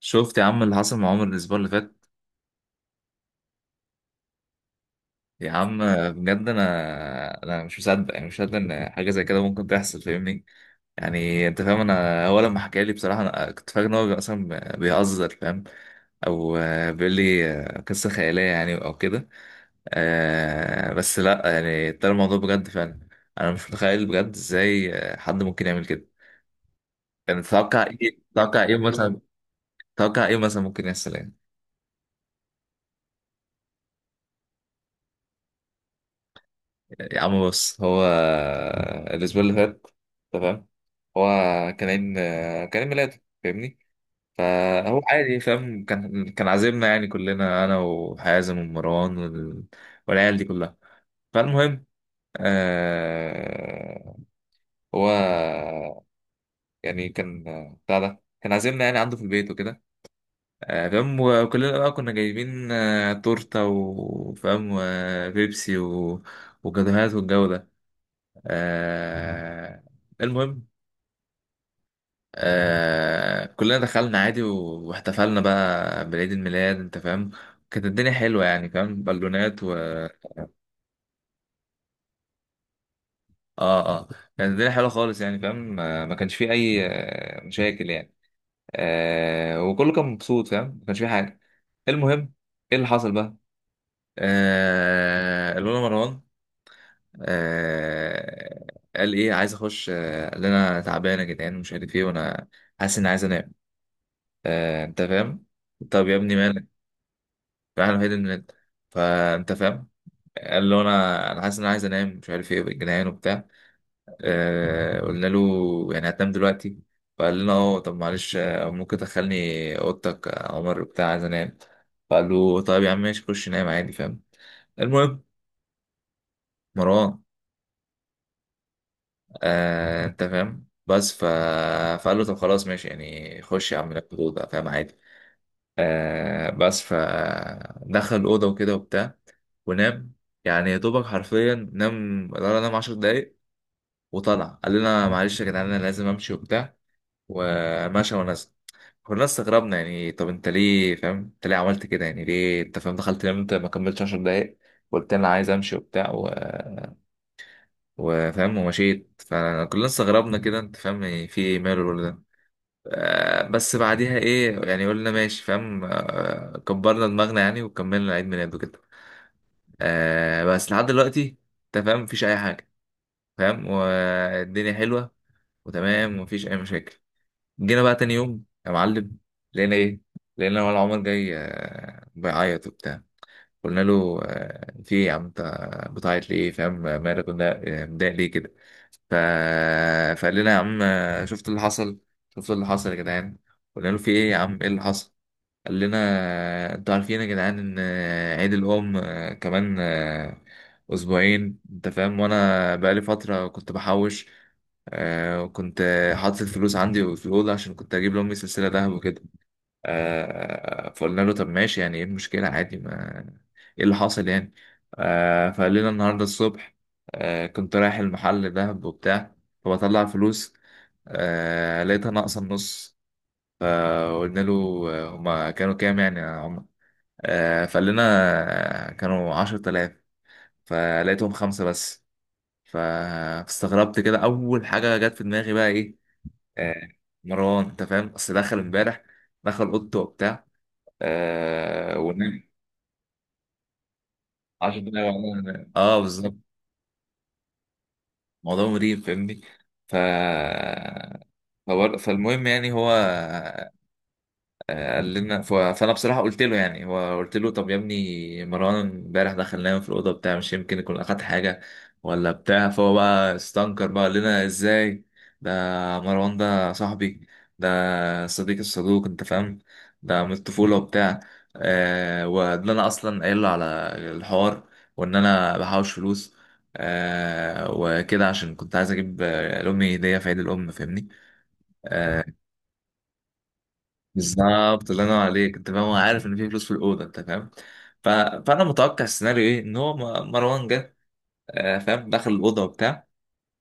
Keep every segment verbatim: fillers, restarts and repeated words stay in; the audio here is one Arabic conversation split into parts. شفت يا عم اللي حصل مع عمر الاسبوع اللي فات. يا عم، بجد انا انا مش مصدق، يعني مش مصدق ان حاجه زي كده ممكن تحصل، فاهمني؟ يعني انت فاهم، انا هو لما حكى لي بصراحه انا كنت فاكر ان هو اصلا بيهزر، فاهم؟ او آه، بيقول لي آه، قصه خياليه يعني او كده. آه، بس لا، يعني طلع الموضوع بجد فعلا. انا مش متخيل بجد ازاي آه، حد ممكن يعمل كده. يعني تتوقع ايه، تتوقع ايه مثلا، تتوقع ايه مثلا ممكن يحصل يعني؟ يا عم بص، هو الأسبوع اللي فات، تمام، هو كان عيد، كان عيد ميلاده فاهمني؟ فهو عادي، فاهم، كان كان عازمنا يعني كلنا، أنا وحازم ومروان وال... والعيال دي كلها. فالمهم، آه هو يعني كان، بتاع ده، كان عازمنا يعني عنده في البيت وكده. آه فاهم، وكلنا بقى كنا جايبين آه تورتة وفاهم وبيبسي و... وجاتوهات والجو ده. آه المهم، آه كلنا دخلنا عادي و- واحتفلنا بقى بعيد الميلاد، انت فاهم؟ كانت الدنيا حلوة يعني، فاهم، بالونات و... اه اه، كانت الدنيا حلوة خالص يعني، فاهم، آه، ما كانش فيه أي آه، مشاكل يعني. آه وكله كان مبسوط، فاهم، ما كانش فيه حاجة. المهم، ايه اللي حصل بقى؟ آه الأولى مروان. آه قال ايه، عايز اخش، آه، قال لي: انا تعبان يا جدعان ومش عارف ايه، وانا حاسس اني عايز انام. آه انت فاهم. طب يا ابني مالك؟ راح الوحيد ان انت، فانت فاهم. قال له: انا انا حاسس ان انا عايز انام، مش عارف ايه، جنان وبتاع. آه قلنا له: يعني هتنام دلوقتي؟ فقال لنا: اه طب معلش، آه، ممكن تدخلني اوضتك يا عمر بتاع، عايز انام. فقال له: طيب يا عم ماشي، خش نام عادي، فاهم؟ المهم مروان، آه انت فاهم، بس ف... فقال له: طب خلاص ماشي يعني، خش يا عم ناكل اوضه، فاهم، عادي. آه بس فدخل الأوضة وكده وبتاع ونام. يعني يا دوبك حرفيا نام، قدر نام عشر دقايق وطلع. قال لنا: معلش يا جدعان أنا لازم أمشي وبتاع، ومشى ونزل. كنا استغربنا يعني، طب أنت ليه فاهم، أنت ليه عملت كده؟ يعني ليه أنت فاهم دخلت نمت ما كملتش عشر دقايق؟ قلت أنا عايز أمشي وبتاع و... وفاهم ومشيت. فكلنا استغربنا كده، أنت فاهم يعني، في إيه، ماله الولد ده؟ آه، بس بعديها ايه يعني، قلنا ماشي فاهم، آه، كبرنا دماغنا يعني، وكملنا عيد ميلاده كده. آه، بس لحد دلوقتي انت فاهم مفيش اي حاجه، فاهم، والدنيا حلوه وتمام ومفيش اي مشاكل. جينا بقى تاني يوم يا معلم، لقينا ايه؟ لقينا ولا عمر جاي آه، بيعيط وبتاع. قلنا له: آه، في ايه يا عم، انت بتعيط ليه فاهم، مالك؟ قلنا: آه، متضايق ليه كده؟ ف... فقال لنا: يا عم آه، شفت اللي حصل، شفت اللي حصل يا جدعان؟ قلنا له: في ايه يا عم، ايه اللي حصل؟ قال لنا: آه، انتوا عارفين يا جدعان ان آه، عيد الام آه، كمان آه، اسبوعين انت فاهم، وانا بقالي فتره كنت بحوش، آه، وكنت آه، حاطط الفلوس عندي في الاوضه عشان كنت اجيب لامي سلسله ذهب وكده. آه فقلنا له: طب ماشي يعني، ايه المشكلة؟ عادي، ما ايه اللي حاصل يعني؟ آه فقال لنا: النهاردة الصبح آه كنت رايح المحل دهب وبتاع، فبطلع فلوس، آه لقيتها ناقصة النص. فقلنا له: آه، هما كانوا كام يعني يا عمر؟ آه فقال لنا: آه، كانوا عشرة آلاف، فلقيتهم خمسة بس. ف- فاستغربت كده، أول حاجة جت في دماغي بقى إيه؟ آه مروان. أنت فاهم، أصل دخل إمبارح، دخل أوضته وبتاع، آه ونام عشر دقايق وبعدين أنام. اه بالظبط. موضوع مريب فاهمني. ف فبر- فالمهم يعني هو آه، قال لنا، ف- فانا بصراحه قلت له، يعني هو قلت له: طب يا ابني مروان امبارح دخل نام في الاوضه بتاع، مش يمكن يكون اخد حاجه ولا بتاع؟ فهو بقى استنكر بقى، قال لنا: ازاي ده؟ مروان ده صاحبي، ده صديق الصدوق انت فاهم، ده من الطفوله وبتاع، آه وان انا اصلا قايل له على الحوار، وان انا بحوش فلوس، آه وكده عشان كنت عايز اجيب آه، لامي هديه في عيد الام فاهمني. آه، بالظبط، الله ينور عليك انت فاهم، هو عارف ان في فلوس في الاوضه انت فاهم. ف... فانا متوقع السيناريو ايه، ان هو م- مروان جه، آه، فاهم، دخل الاوضه وبتاع،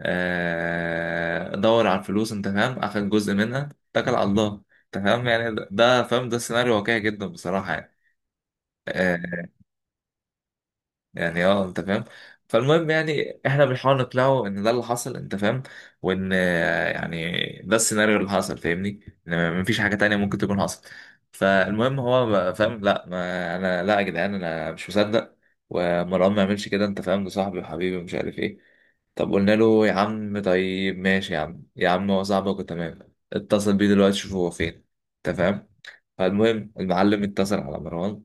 آه، دور على الفلوس، انت فاهم، اخد جزء منها، اتكل على الله. انت فاهم يعني، ده ده- فاهم ده سيناريو واقعي جدا بصراحه يعني. آه، يعني اه انت فاهم. فالمهم يعني احنا بنحاول نقنعه ان ده اللي حصل، انت فاهم، وان آه، يعني ده السيناريو اللي حصل فاهمني، ان مفيش حاجة تانية ممكن تكون حصلت. فالمهم هو بقى فاهم: لا، ما انا لا يا جدعان، انا مش مصدق، ومروان ما يعملش كده، انت فاهم، ده صاحبي وحبيبي ومش عارف ايه. طب قلنا له: يا عم طيب ماشي يا عم، يا عم هو صاحبك وتمام، اتصل بيه دلوقتي، شوف هو فين، انت فاهم. فالمهم المعلم اتصل على مروان،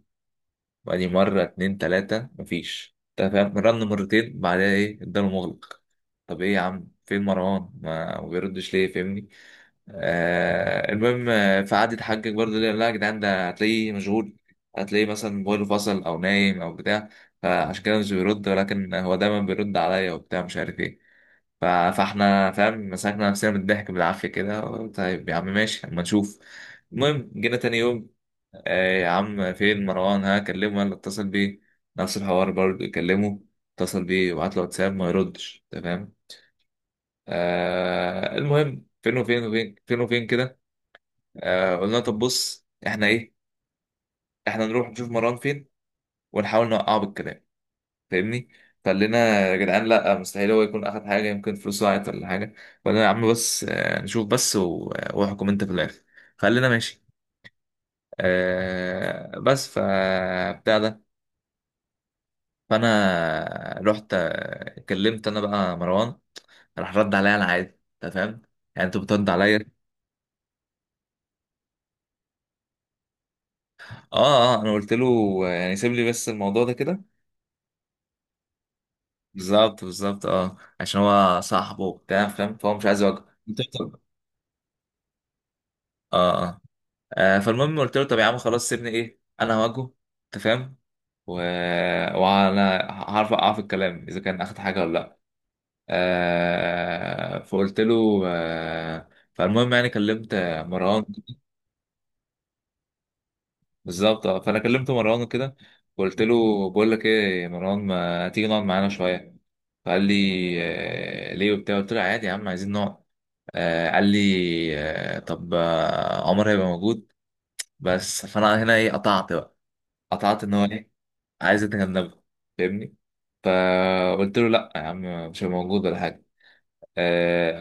بعدين مرة اتنين تلاتة مفيش، انت فاهم، رن مرتين بعدها ايه، الدار مغلق. طب ايه يا عم، فين مروان؟ ما ما بيردش ليه فاهمني؟ آه المهم آه، فقعد يتحجج برضه: ليه لا يا جدعان، ده هتلاقيه مشغول، هتلاقيه مثلا موبايله فصل او نايم او بتاع، فعشان كده مش بيرد، ولكن هو دايما بيرد عليا وبتاع مش عارف ايه. ف- فاحنا فاهم مسكنا نفسنا من الضحك بالعافية كده: طيب يا عم ماشي، اما نشوف. المهم جينا تاني يوم، آه يا عم فين مروان؟ ها، كلمه ولا اتصل بيه؟ نفس الحوار برضه، كلمه، اتصل بيه وبعت له واتساب، ما يردش. تمام. آه المهم فين وفين وفين، فين وفين كده. آه قلنا طب بص احنا ايه، احنا نروح نشوف مروان فين، ونحاول نوقعه بالكلام فاهمني. فقلنا: يا جدعان لا، مستحيل هو يكون اخد حاجه، يمكن فلوسه ضاعت ولا حاجه. فقلنا: يا عم بس آه، نشوف بس و- واحكم انت في الاخر. فقلنا ماشي. آه، بس فبتاع ده، فانا رحت آه، كلمت انا بقى مروان، راح رد عليا على عادي انت فاهم، يعني انت بترد عليا. اه اه انا قلت له آه، يعني سيب لي بس الموضوع ده كده. بالظبط بالظبط، اه، عشان هو صاحبه وبتاع فاهم، فهو مش عايز يواجهه بتحصل. اه. آه فالمهم قلت له: طب يا عم خلاص سيبني، ايه، انا هواجهه، انت فاهم، و... وانا هعرف اوقع في الكلام اذا كان اخد حاجه ولا لا. آه فقلت له آه فالمهم يعني كلمت مروان. بالظبط، آه، فانا كلمت مروان وكده، وقلت له: بقول لك ايه يا مروان، ما تيجي نقعد معانا شويه؟ فقال لي: آه ليه وبتاع؟ قلت له: عادي يا عم، عايزين نقعد. آه قال لي: آه طب آه، عمر هيبقى موجود؟ بس فانا هنا ايه، قطعت بقى، قطعت ان هو ايه، عايزة تجنبه فاهمني. فقلت له: لا يا عم، مش هبقى موجود ولا حاجة. آه،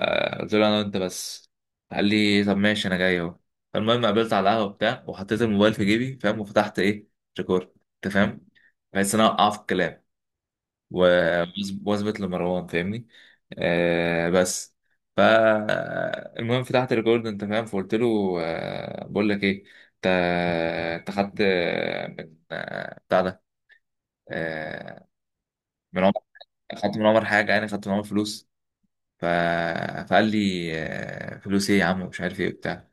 آه، قلت له أنا وأنت بس. قال لي: طب ماشي، أنا جاي أهو. المهم قابلت على القهوة بتاع، وحطيت الموبايل في جيبي فاهم، وفتحت إيه، ريكورد أنت فاهم، بحيث إن أنا أوقعه في الكلام و- وأثبت لمروان فاهمني. آه بس. فالمهم فتحت الريكورد أنت فاهم، فقلت له: آه بقول لك إيه، أنت أنت خدت آه، من آه، بتاع ده، آه، من عمر، خدت من عمر حاجه، يعني خدت من عمر فلوس؟ ف... فقال لي: آه، فلوس ايه يا عم، ومش عارف ايه وبتاع.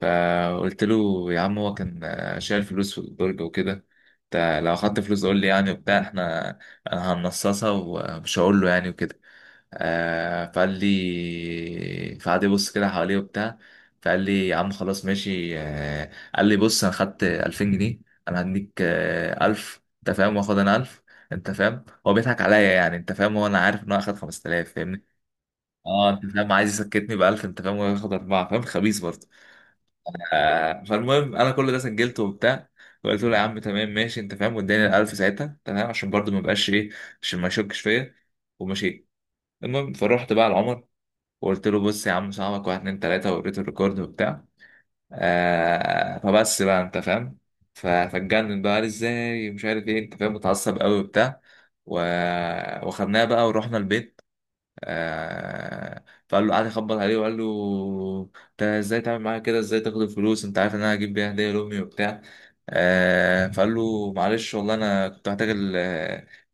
فقلت له: يا عم هو كان آه، شايل فلوس في البرج وكده، انت لو اخدت فلوس قول لي يعني وبتاع، احنا انا هنصصها ومش هقول له يعني وكده. آه فقال لي، فقعد يبص كده حواليه وبتاع، فقال لي: يا عم خلاص ماشي، آه قال لي: بص انا خدت ألفين جنيه، انا هديك آه ألف انت فاهم، واخد انا ألف. انت فاهم هو بيضحك عليا يعني، انت فاهم هو، انا عارف ان هو اخد خمسة آلاف فاهمني. اه انت فاهم، عايز يسكتني ب ألف انت فاهم، وياخد اربعه، فاهم، خبيث برضه. آه فالمهم انا كل ده سجلته وبتاع، وقلت له: يا عم تمام ماشي، انت فاهم، واداني ال ألف ساعتها، تمام، عشان برضه ما يبقاش ايه، عشان ما يشكش فيا، ومشيت. المهم فروحت بقى لعمر، وقلت له: بص يا عم، صاحبك واحد اتنين تلاتة، ووريته الريكورد وبتاع. آه فبس بقى انت فاهم، ف- فاتجنن بقى، قال ازاي، مش عارف ايه، انت فاهم، متعصب قوي وبتاع، و... وخدناه بقى ورحنا البيت. آه فقال له، قعد يخبط عليه وقال له: انت ازاي تعمل معايا كده، ازاي تاخد الفلوس، انت عارف ان انا هجيب بيها هديه لامي وبتاع. آه فقال له: معلش والله انا كنت محتاج ال-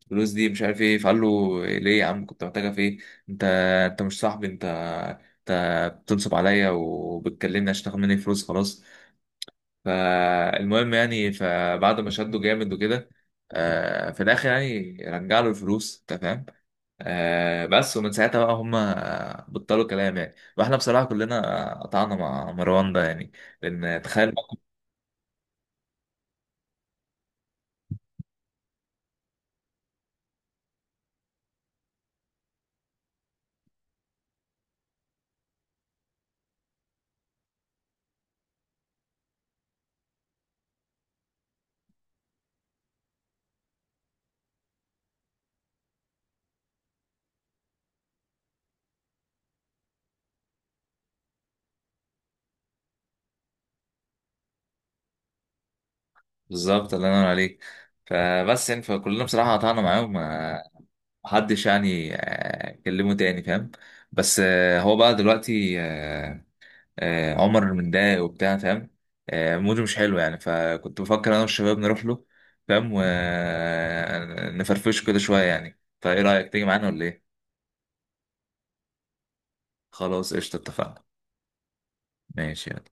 الفلوس دي، مش عارف ايه. فقال له: ليه يا عم كنت محتاجها في ايه؟ انت انت مش صاحبي، انت انت بتنصب عليا وبتكلمني عشان تاخد مني فلوس، خلاص. فالمهم يعني فبعد ما شده جامد وكده، آه، في الاخر يعني رجع له الفلوس انت فاهم. آه، بس، ومن ساعتها بقى هم بطلوا كلام يعني، واحنا بصراحه كلنا قطعنا مع مروان ده يعني، لان تخيل بقى. بالظبط اللي انا عليك. فبس يعني فكلنا بصراحه قطعنا معاهم، آه، محدش يعني آه، كلمه تاني فاهم. بس آه، هو بقى دلوقتي آه، آه، عمر المنداي وبتاع فاهم، آه، موده مش حلو يعني، فكنت بفكر انا والشباب نروح له فاهم، ونفرفشه كده شويه يعني. طيب ايه رايك تيجي معانا ولا ايه؟ خلاص قشطه، اتفقنا. ماشي يلا.